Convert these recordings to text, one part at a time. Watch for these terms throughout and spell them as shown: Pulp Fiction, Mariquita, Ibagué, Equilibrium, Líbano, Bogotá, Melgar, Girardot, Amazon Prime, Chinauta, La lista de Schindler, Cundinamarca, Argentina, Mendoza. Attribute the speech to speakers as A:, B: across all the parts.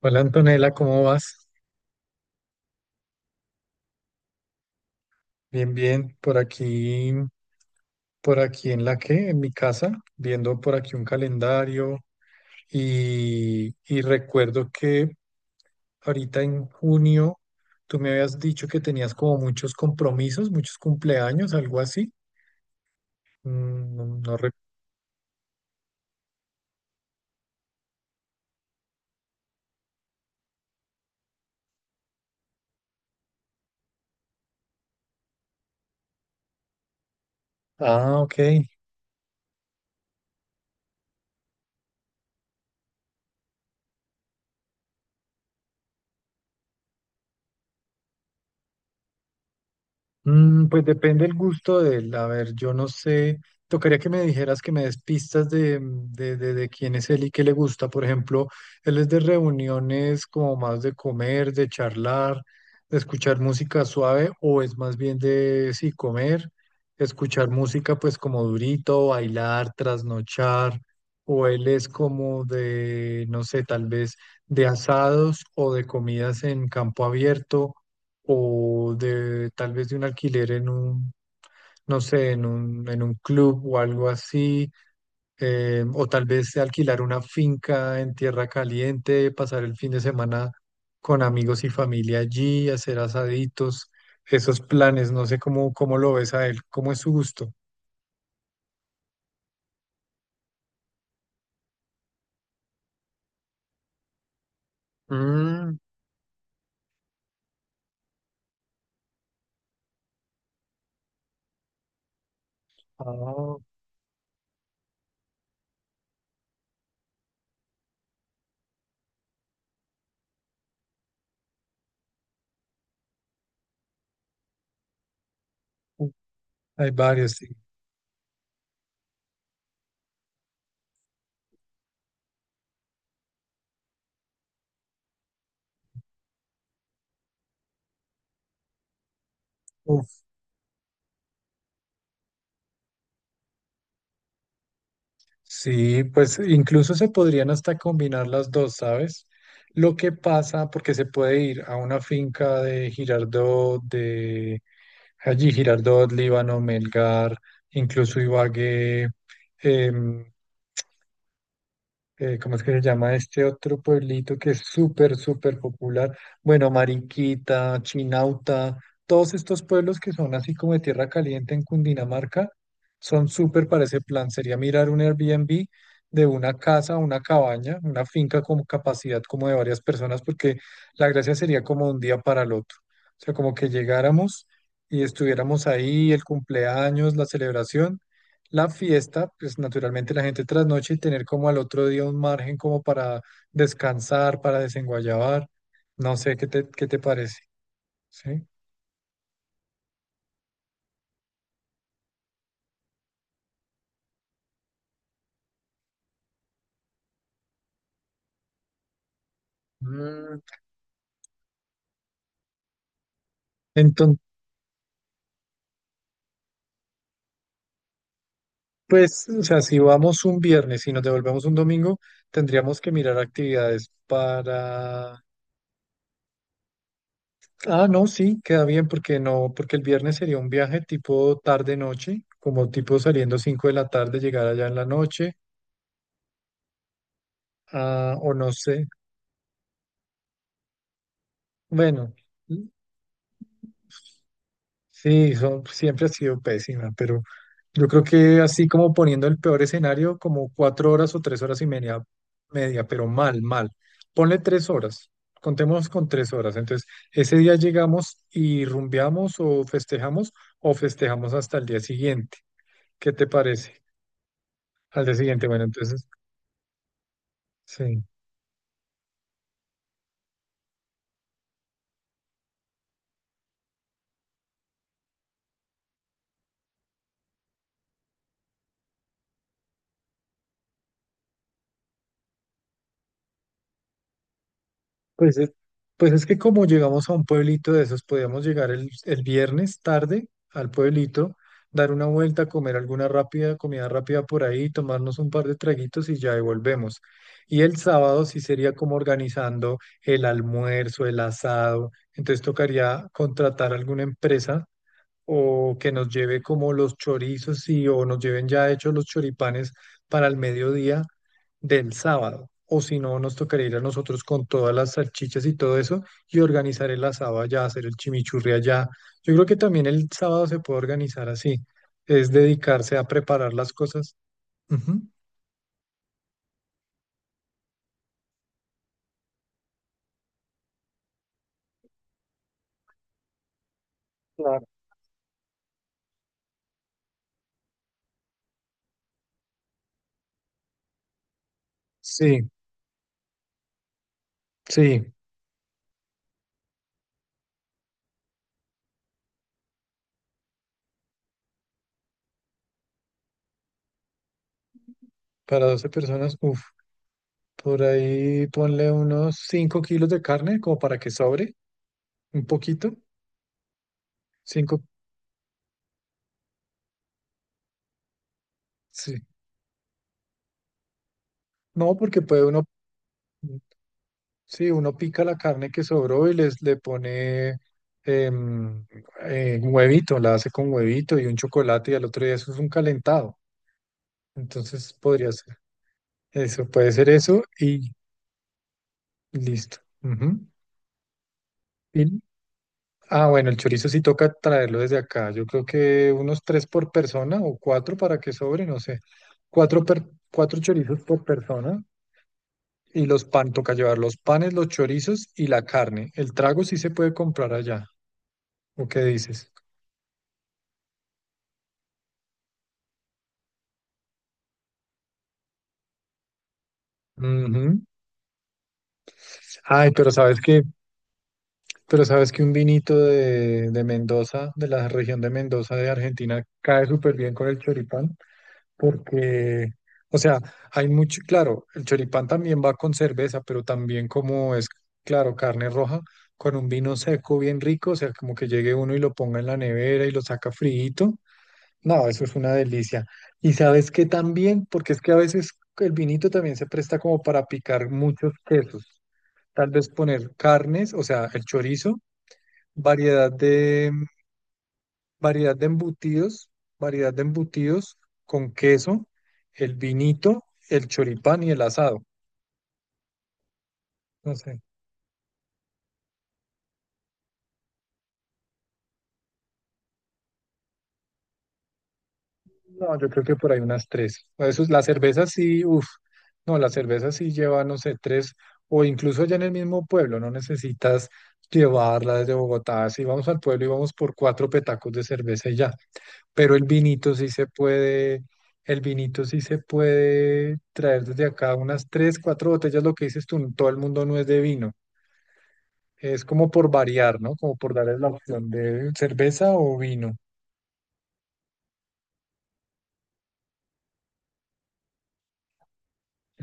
A: Hola Antonella, ¿cómo vas? Bien, bien. Por aquí, en mi casa, viendo por aquí un calendario y recuerdo que ahorita en junio tú me habías dicho que tenías como muchos compromisos, muchos cumpleaños, algo así. Mm. No, ah, ok. Pues depende el gusto de él. A ver, yo no sé. Tocaría que me dijeras que me des pistas de, mm, de quién es él y qué le gusta. Por ejemplo, él es de reuniones como más de comer, de charlar, de escuchar música suave, o es más bien de, sí, comer, escuchar música pues como durito, bailar, trasnochar, o él es como de, no sé, tal vez de asados o de comidas en campo abierto o de tal vez de un alquiler no sé, en un club o algo así, o tal vez de alquilar una finca en tierra caliente, pasar el fin de semana con amigos y familia allí, hacer asaditos, esos planes, no sé cómo lo ves a él, cómo es su gusto. Mm, ah, hay varios, sí. Uf. Sí, pues incluso se podrían hasta combinar las dos, ¿sabes? Lo que pasa, porque se puede ir a una finca de Girardot, de allí Girardot, Líbano, Melgar, incluso Ibagué, em, ¿cómo es que se llama este otro pueblito que es súper, súper popular? Bueno, Mariquita, Chinauta, todos estos pueblos que son así como de tierra caliente en Cundinamarca, son súper para ese plan. Sería mirar un Airbnb de una casa, una cabaña, una finca con capacidad como de varias personas, porque la gracia sería como de un día para el otro. O sea, como que llegáramos y estuviéramos ahí, el cumpleaños, la celebración, la fiesta, pues naturalmente la gente trasnoche y tener como al otro día un margen como para descansar, para desenguayabar. No sé qué te parece, ¿sí? Mm, Entonces, pues, o sea, si vamos un viernes y nos devolvemos un domingo, tendríamos que mirar actividades para... Ah, no, sí, queda bien porque no, porque el viernes sería un viaje tipo tarde-noche, como tipo saliendo 5 de la tarde, llegar allá en la noche, ah, o no sé. Bueno. Sí, son, siempre ha sido pésima, pero yo creo que así como poniendo el peor escenario, como cuatro horas o tres horas y media, media, pero mal, mal. Ponle tres horas, contemos con tres horas. Entonces, ese día llegamos y rumbeamos o festejamos hasta el día siguiente. ¿Qué te parece? Al día siguiente, bueno, entonces, sí. Pues es, pues es que como llegamos a un pueblito de esos, podíamos llegar el viernes tarde al pueblito, dar una vuelta, comer alguna rápida, comida rápida por ahí, tomarnos un par de traguitos y ya devolvemos. Y el sábado sí sería como organizando el almuerzo, el asado. Entonces tocaría contratar alguna empresa o que nos lleve como los chorizos y o nos lleven ya hechos los choripanes para el mediodía del sábado. O si no, nos tocaría ir a nosotros con todas las salchichas y todo eso y organizar el asado allá, hacer el chimichurri allá. Yo creo que también el sábado se puede organizar así, es dedicarse a preparar las cosas. Ujú. Claro. Sí, sí, para 12 personas, uff, por ahí ponle unos 5 kilos de carne como para que sobre un poquito, 5. No, porque puede uno, sí, uno pica la carne que sobró y les le pone em, un huevito, la hace con huevito y un chocolate y al otro día eso es un calentado. Entonces podría ser eso, puede ser eso y listo. Ujú. Y- ah, bueno, el chorizo sí toca traerlo desde acá. Yo creo que unos tres por persona o cuatro para que sobre, no sé. Cuatro, cuatro chorizos por persona. Y los pan, toca llevar los panes, los chorizos y la carne. El trago sí se puede comprar allá. ¿O qué dices? Ujú. Ay, pero sabes que un vinito de Mendoza, de la región de Mendoza de Argentina, cae súper bien con el choripán, porque, o sea, hay mucho, claro, el choripán también va con cerveza, pero también como es, claro, carne roja, con un vino seco bien rico, o sea, como que llegue uno y lo ponga en la nevera y lo saca friito. No, eso es una delicia. Y sabes que también, porque es que a veces el vinito también se presta como para picar muchos quesos. Tal vez poner carnes, o sea, el chorizo, variedad de, variedad de embutidos, variedad de embutidos con queso, el vinito, el choripán y el asado. No sé. No, yo creo que por ahí unas tres. Eso, es- la cerveza sí, uff, no, la cerveza sí lleva, no sé, tres, o incluso allá en el mismo pueblo, no necesitas llevarla desde Bogotá. Si vamos al pueblo y vamos por cuatro petacos de cerveza y ya. Pero el vinito sí se puede traer desde acá unas tres, cuatro botellas, lo que dices tú, todo el mundo no es de vino. Es como por variar, ¿no? Como por darles la opción de cerveza o vino.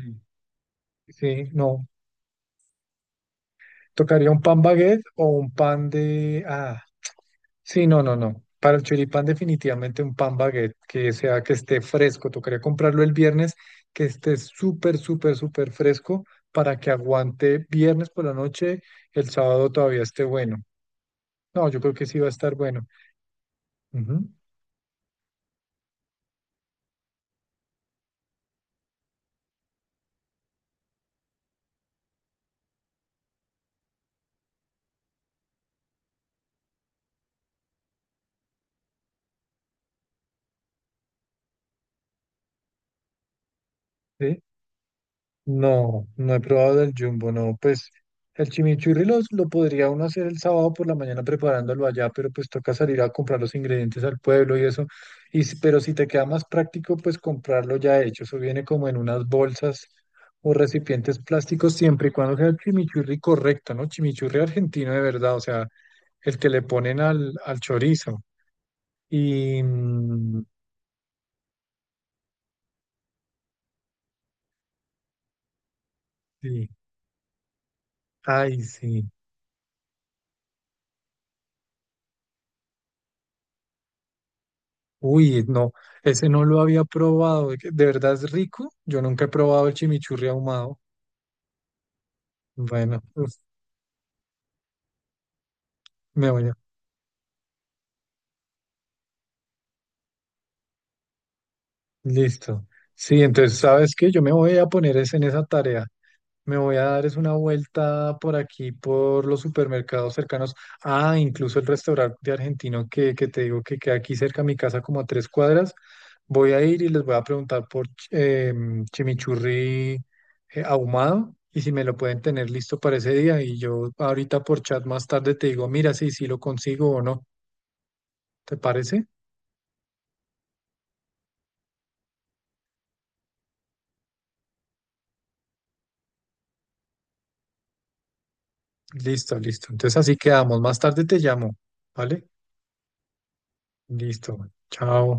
A: Mm. Sí, no, tocaría un pan baguette o un pan de... Ah, sí, no, no, no. Para el choripán definitivamente un pan baguette, que sea que esté fresco. Tocaría comprarlo el viernes, que esté súper, súper, súper fresco para que aguante viernes por la noche, el sábado todavía esté bueno. No, yo creo que sí va a estar bueno. Ujú, sí. No, no he probado del Jumbo, no. Pues el chimichurri lo podría uno hacer el sábado por la mañana preparándolo allá, pero pues toca salir a comprar los ingredientes al pueblo y eso. Y, pero si te queda más práctico, pues comprarlo ya hecho. Eso viene como en unas bolsas o recipientes plásticos siempre y cuando sea el chimichurri correcto, ¿no? Chimichurri argentino de verdad, o sea, el que le ponen al chorizo. Y... mm, sí. Ay, sí. Uy, no, ese no lo había probado. ¿De qué- de verdad es rico? Yo nunca he probado el chimichurri ahumado. Bueno, uf, me voy a... listo. Sí, entonces, ¿sabes qué? Yo me voy a poner es en esa tarea. Me voy a dar es una vuelta por aquí, por los supermercados cercanos. Ah, incluso el restaurante argentino que te digo que queda aquí cerca de mi casa, como a tres cuadras. Voy a ir y les voy a preguntar por chimichurri ahumado y si me lo pueden tener listo para ese día. Y yo ahorita por chat más tarde te digo, mira, si lo consigo o no. ¿Te parece? Listo, listo. Entonces así quedamos. Más tarde te llamo, ¿vale? Listo. Chao.